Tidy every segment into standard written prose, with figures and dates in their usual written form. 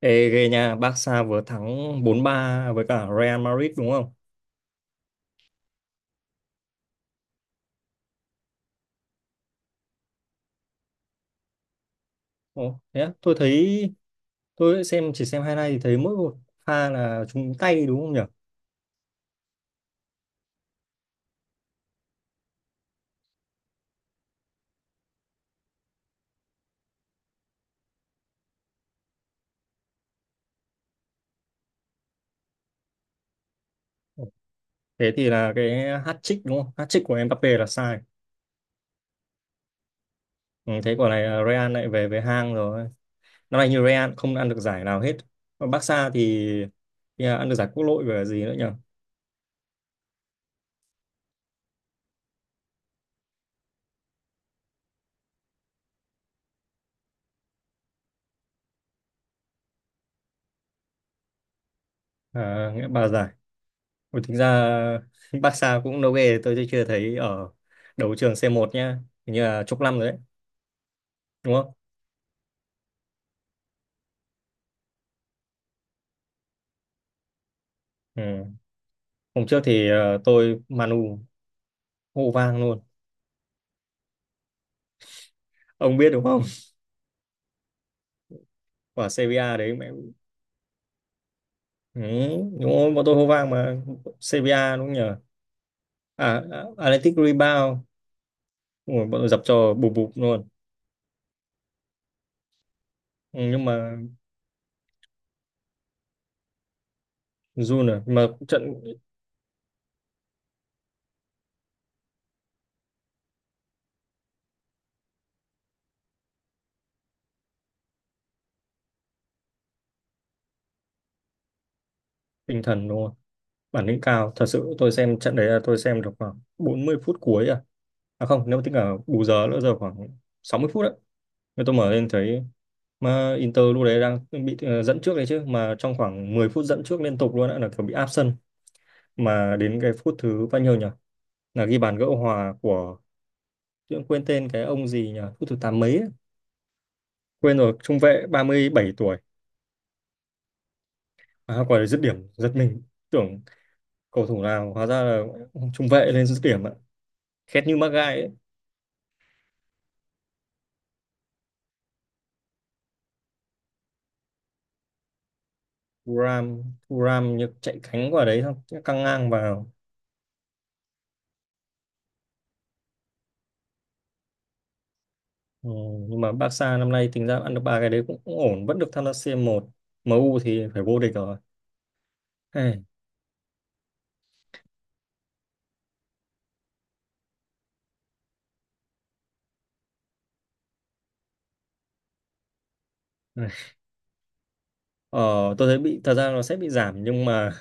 Ê, ghê nha, Barca vừa thắng 4-3 với cả Real Madrid đúng không? Ồ, thế á, tôi thấy tôi chỉ xem highlight thì thấy mỗi một pha là trúng tay đúng không nhỉ? Ồ, thế thì là cái hat-trick đúng không? Hat-trick của Mbappe là sai. Ừ, thế quả này là Real lại về với hang rồi. Năm nay như Real không ăn được giải nào hết. Còn Barca thì là ăn được giải quốc nội và gì nữa nhỉ? À, nghĩa ba giải. Ôi, thực ra Barca cũng đâu ghê, tôi chưa thấy ở đấu trường C1 nhá. Hình như là chục năm rồi đấy. Đúng không? Ừ. Hôm trước thì tôi Manu hô vang luôn. Ông biết đúng không? Quả CBA đấy mẹ. Ừ, đúng rồi, bọn tôi hô vang mà CBA đúng không nhờ. À, à, Athletic Rebound. Ủa, bọn tôi dập cho bụp bụp luôn. Ừ, nhưng mà run à. Mà trận tinh thần đúng không, bản lĩnh cao. Thật sự tôi xem trận đấy là tôi xem được khoảng 40 phút cuối à. À không, nếu mà tính cả bù giờ nữa giờ khoảng 60 phút đấy. Nên tôi mở lên thấy mà Inter lúc đấy đang bị dẫn trước đấy chứ, mà trong khoảng 10 phút dẫn trước liên tục luôn đã là kiểu bị áp sân, mà đến cái phút thứ bao nhiêu nhỉ, là ghi bàn gỡ hòa của tôi cũng quên tên cái ông gì nhỉ, phút thứ tám mấy ấy. Quên rồi, trung vệ 37 tuổi. À, quả đấy dứt điểm giật mình, tưởng cầu thủ nào hóa ra là trung vệ lên dứt điểm ạ, khét như mắc gai ấy. Thuram. Thuram như chạy cánh quả đấy xong căng ngang vào. Ừ, nhưng mà Barca năm nay tính ra ăn được ba cái đấy cũng, cũng ổn, vẫn được tham gia C1. U thì phải vô địch rồi, hey. Ờ, tôi thấy bị thật ra nó sẽ bị giảm nhưng mà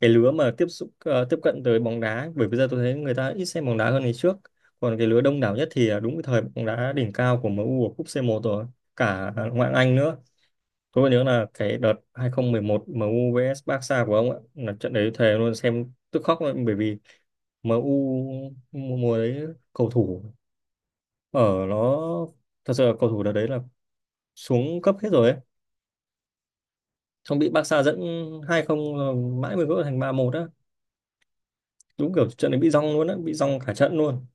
cái lứa mà tiếp cận tới bóng đá ấy, bởi bây giờ tôi thấy người ta ít xem bóng đá hơn ngày trước, còn cái lứa đông đảo nhất thì đúng cái thời bóng đá đỉnh cao của MU ở cúp C1 rồi cả ngoại hạng Anh nữa. Tôi còn nhớ là cái đợt 2011 MU vs Barca của ông ạ, là trận đấy thề luôn xem tức khóc luôn bởi vì MU mùa mùa đấy cầu thủ ở nó, thật sự là cầu thủ đợt đấy là xuống cấp hết rồi ấy, không bị Barca dẫn 2-0, mãi mới gỡ thành 3-1 á, đúng kiểu trận này bị rong luôn á, bị rong cả trận luôn.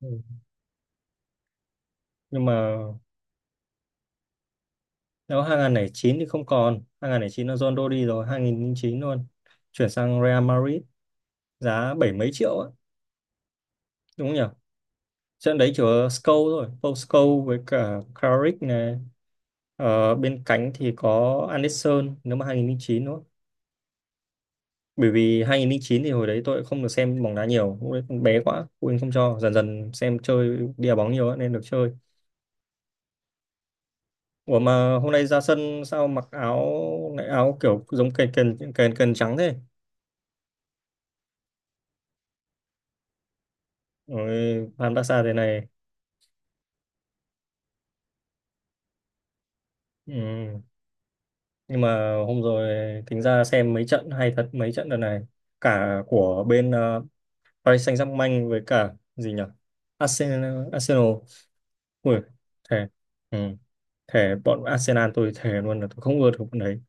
Ừ. Nhưng mà nếu 2009 thì không còn. 2009 là Ronaldo đi rồi, 2009 luôn chuyển sang Real Madrid, giá bảy mấy triệu á, đúng không nhỉ? Trận đấy chỉ có Scholes rồi Paul Scholes với cả Carrick này. Ờ, bên cánh thì có Anderson. Nếu mà 2009 nữa, bởi vì 2009 thì hồi đấy tôi cũng không được xem bóng đá nhiều, lúc đấy còn bé quá phụ huynh không cho, dần dần xem chơi đi đá bóng nhiều á, nên được chơi. Ủa mà hôm nay ra sân sao mặc áo lại áo kiểu giống kền kền kền kền trắng thế? Ôi, Van Barca thế này. Ừ. Nhưng mà hôm rồi tính ra xem mấy trận hay thật, mấy trận đợt này cả của bên Paris Saint-Germain với cả gì nhỉ? Arsenal Arsenal. Ui, thề. Ừ. Thề bọn Arsenal tôi thề luôn là tôi không ưa được bọn đấy.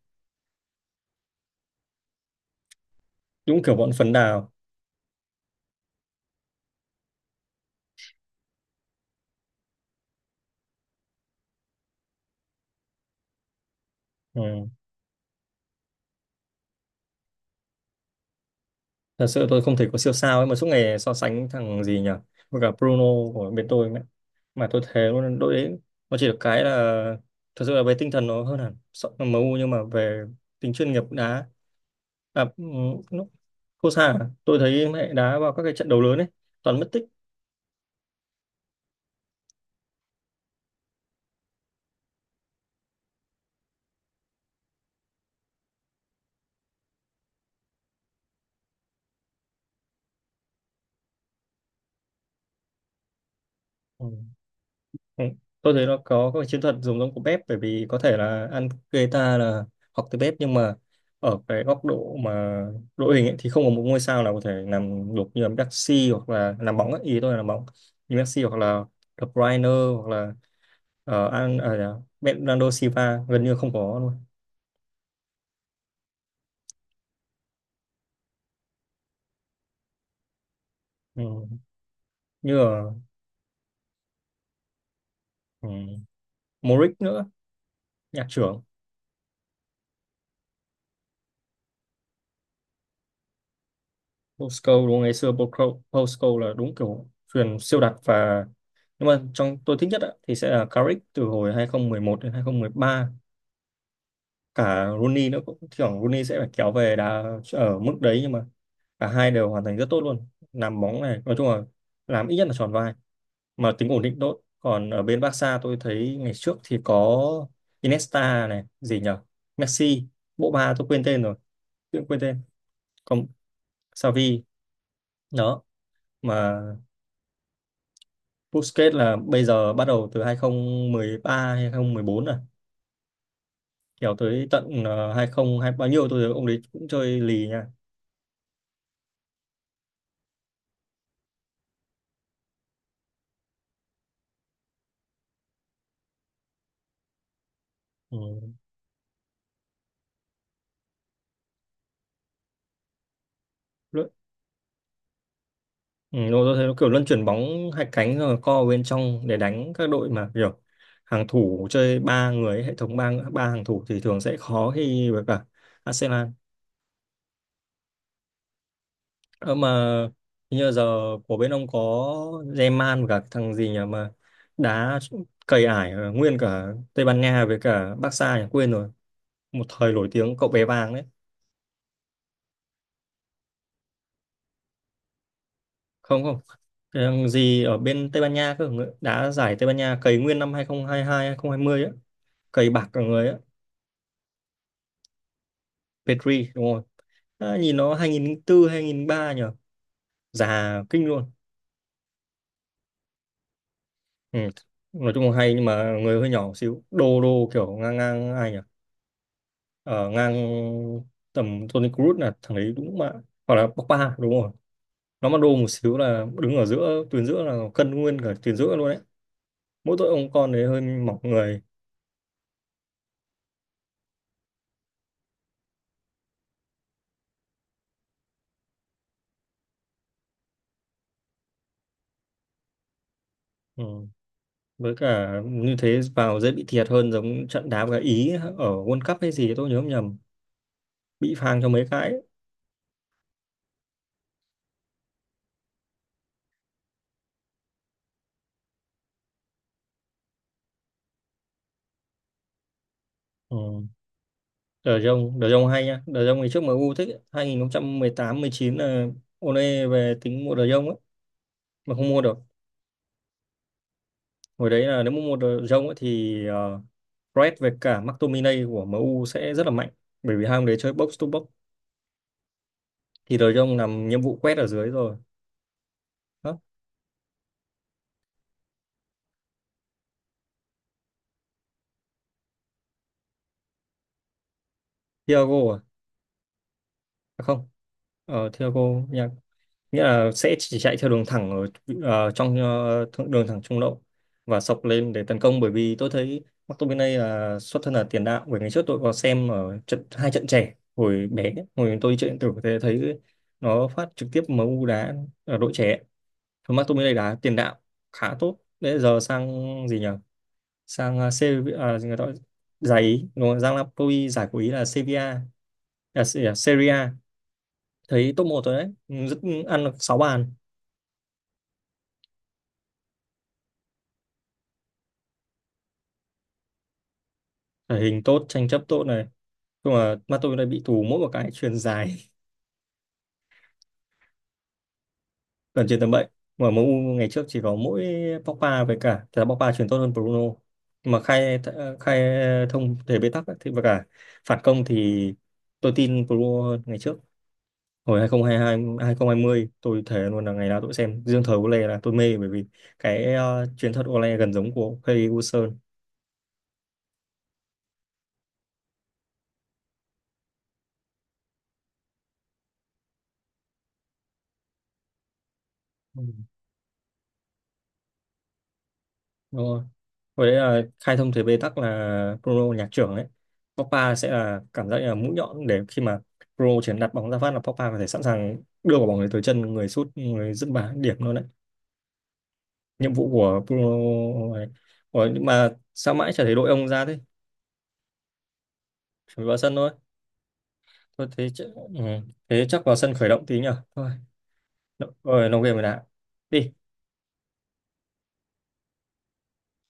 Đúng kiểu bọn phấn đào. Ừ. Thật sự tôi không thể có siêu sao ấy mà suốt ngày so sánh thằng gì nhỉ với cả Bruno của bên tôi ấy. Mà tôi thấy luôn đội đấy nó chỉ được cái là, thật sự là về tinh thần nó hơn hẳn MU, nhưng mà về tính chuyên nghiệp đá, à, ừ, nó- Cô Sa à? Tôi thấy mẹ đá vào các cái trận đấu lớn ấy toàn mất tích. Ừ. Ừ. Tôi thấy nó có các cái chiến thuật dùng giống của bếp bởi vì có thể là ăn Guetta là học từ bếp, nhưng mà ở cái góc độ mà đội hình ấy, thì không có một ngôi sao nào có thể làm được như là Messi hoặc là làm bóng ấy. Ý tôi là làm bóng như Messi hoặc là De Bruyne hoặc là ờ, An à, dạ, Bernardo Silva gần như không có luôn. Ừ. Như là. Ừ. Modric nữa, nhạc trưởng. Postcode đúng không? Ngày xưa Postcode Postcode là đúng kiểu truyền siêu đặc và, nhưng mà trong tôi thích nhất á, thì sẽ là Carrick từ hồi 2011 đến 2013, cả Rooney nữa, cũng thỉnh Rooney sẽ phải kéo về đá ở mức đấy nhưng mà cả hai đều hoàn thành rất tốt luôn, làm bóng này nói chung là làm ít nhất là tròn vai mà tính ổn định tốt. Còn ở bên Barca tôi thấy ngày trước thì có Iniesta này, gì nhở, Messi, bộ ba tôi quên tên rồi, tự quên tên. Còn Xavi đó, mà Busquets là bây giờ bắt đầu từ 2013 hay 2014 rồi. Kiểu tới tận 2020 bao nhiêu tôi thấy ông đấy cũng chơi lì nha. Ừ. Lu- Ừ, tôi thấy nó kiểu luân chuyển bóng hai cánh rồi co vào bên trong để đánh các đội mà kiểu hàng thủ chơi ba người ấy, hệ thống ba ba hàng thủ thì thường sẽ khó khi với cả Arsenal. Ờ, mà hình như giờ của bên ông có Zeman và cả thằng gì nhỉ mà đá cầy ải nguyên cả Tây Ban Nha với cả Barca nhỉ? Quên rồi. Một thời nổi tiếng cậu bé vàng đấy. Không không. Thằng gì ở bên Tây Ban Nha cơ, đá giải Tây Ban Nha cày nguyên năm 2022 2020 á, cày bạc cả người á. Pedri đúng rồi. À, nhìn nó 2004 ba nhỉ, già kinh luôn. Ừ. Nói chung là hay nhưng mà người hơi nhỏ một xíu, đô đô kiểu ngang ngang ai nhỉ, ở ngang tầm Toni Kroos là thằng đấy đúng mà, hoặc là Pogba đúng rồi. Nó mà đô một xíu là đứng ở giữa tuyến giữa là cân nguyên cả tuyến giữa luôn đấy. Mỗi tội ông con đấy hơi mỏng người. Ừ. Với cả như thế vào dễ bị thiệt hơn giống trận đá với cả Ý ở World Cup hay gì, tôi nhớ không nhầm, bị phang cho mấy cái ấy. Ừ. De Jong, De Jong hay nha, De Jong ngày trước MU thích ấy. 2018-19 là Ole về tính mua De Jong ấy mà không mua được. Hồi đấy là nếu mà mua De Jong ấy thì Fred với cả McTominay của MU sẽ rất là mạnh bởi vì hai ông đấy chơi box to box, thì De Jong làm nhiệm vụ quét ở dưới rồi. Đó. Thiago à? À không, Thiago nha, nghĩa là sẽ chỉ chạy theo đường thẳng ở trong đường thẳng trung lộ, và sọc lên để tấn công, bởi vì tôi thấy McTominay là xuất thân là tiền đạo, bởi ngày trước tôi có xem ở trận, hai trận trẻ hồi bé hồi tôi chơi điện tử, thế thấy nó phát trực tiếp em u đá ở đội trẻ. Thôi, McTominay đá tiền đạo khá tốt, bây giờ sang gì nhỉ, sang Serie, người ta giải Ý đúng không? Giang Napoli giải của Ý là Sevilla, Serie A. Thấy top một rồi đấy. Ừ, rất, ăn được 6 bàn. Thể hình tốt, tranh chấp tốt này, nhưng mà mắt tôi đã bị tù mỗi một cái chuyền dài. Gần chuyền tầm bậy. Mà em u ngày trước chỉ có mỗi Pogba với cả, thật ra Pogba chuyền tốt hơn Bruno nhưng mà khai khai thông thể bế tắc ấy, thì và cả phản công thì tôi tin Bruno hơn. Ngày trước hồi hai không hai hai hai 2020 tôi thề luôn là ngày nào tôi cũng xem, riêng thời Ole là tôi mê bởi vì cái chuyền thuật Ole gần giống của Ferguson. Đúng rồi. Với đấy, khai thông thế bế tắc là Bruno nhạc trưởng đấy. Pogba sẽ là cảm giác như là mũi nhọn, để khi mà Bruno chỉ cần đặt bóng ra phát là Pogba có thể sẵn sàng đưa quả bóng đấy tới chân người sút, người dứt bàn điểm luôn đấy. Nhiệm vụ của Bruno này. Ủa, nhưng mà sao mãi chả thấy đội ông ra thế? Chuẩn bị vào sân thôi. Thôi thế, ừ. Thế chắc vào sân khởi động tí nhở. Thôi, rồi nó game rồi đã. Đi.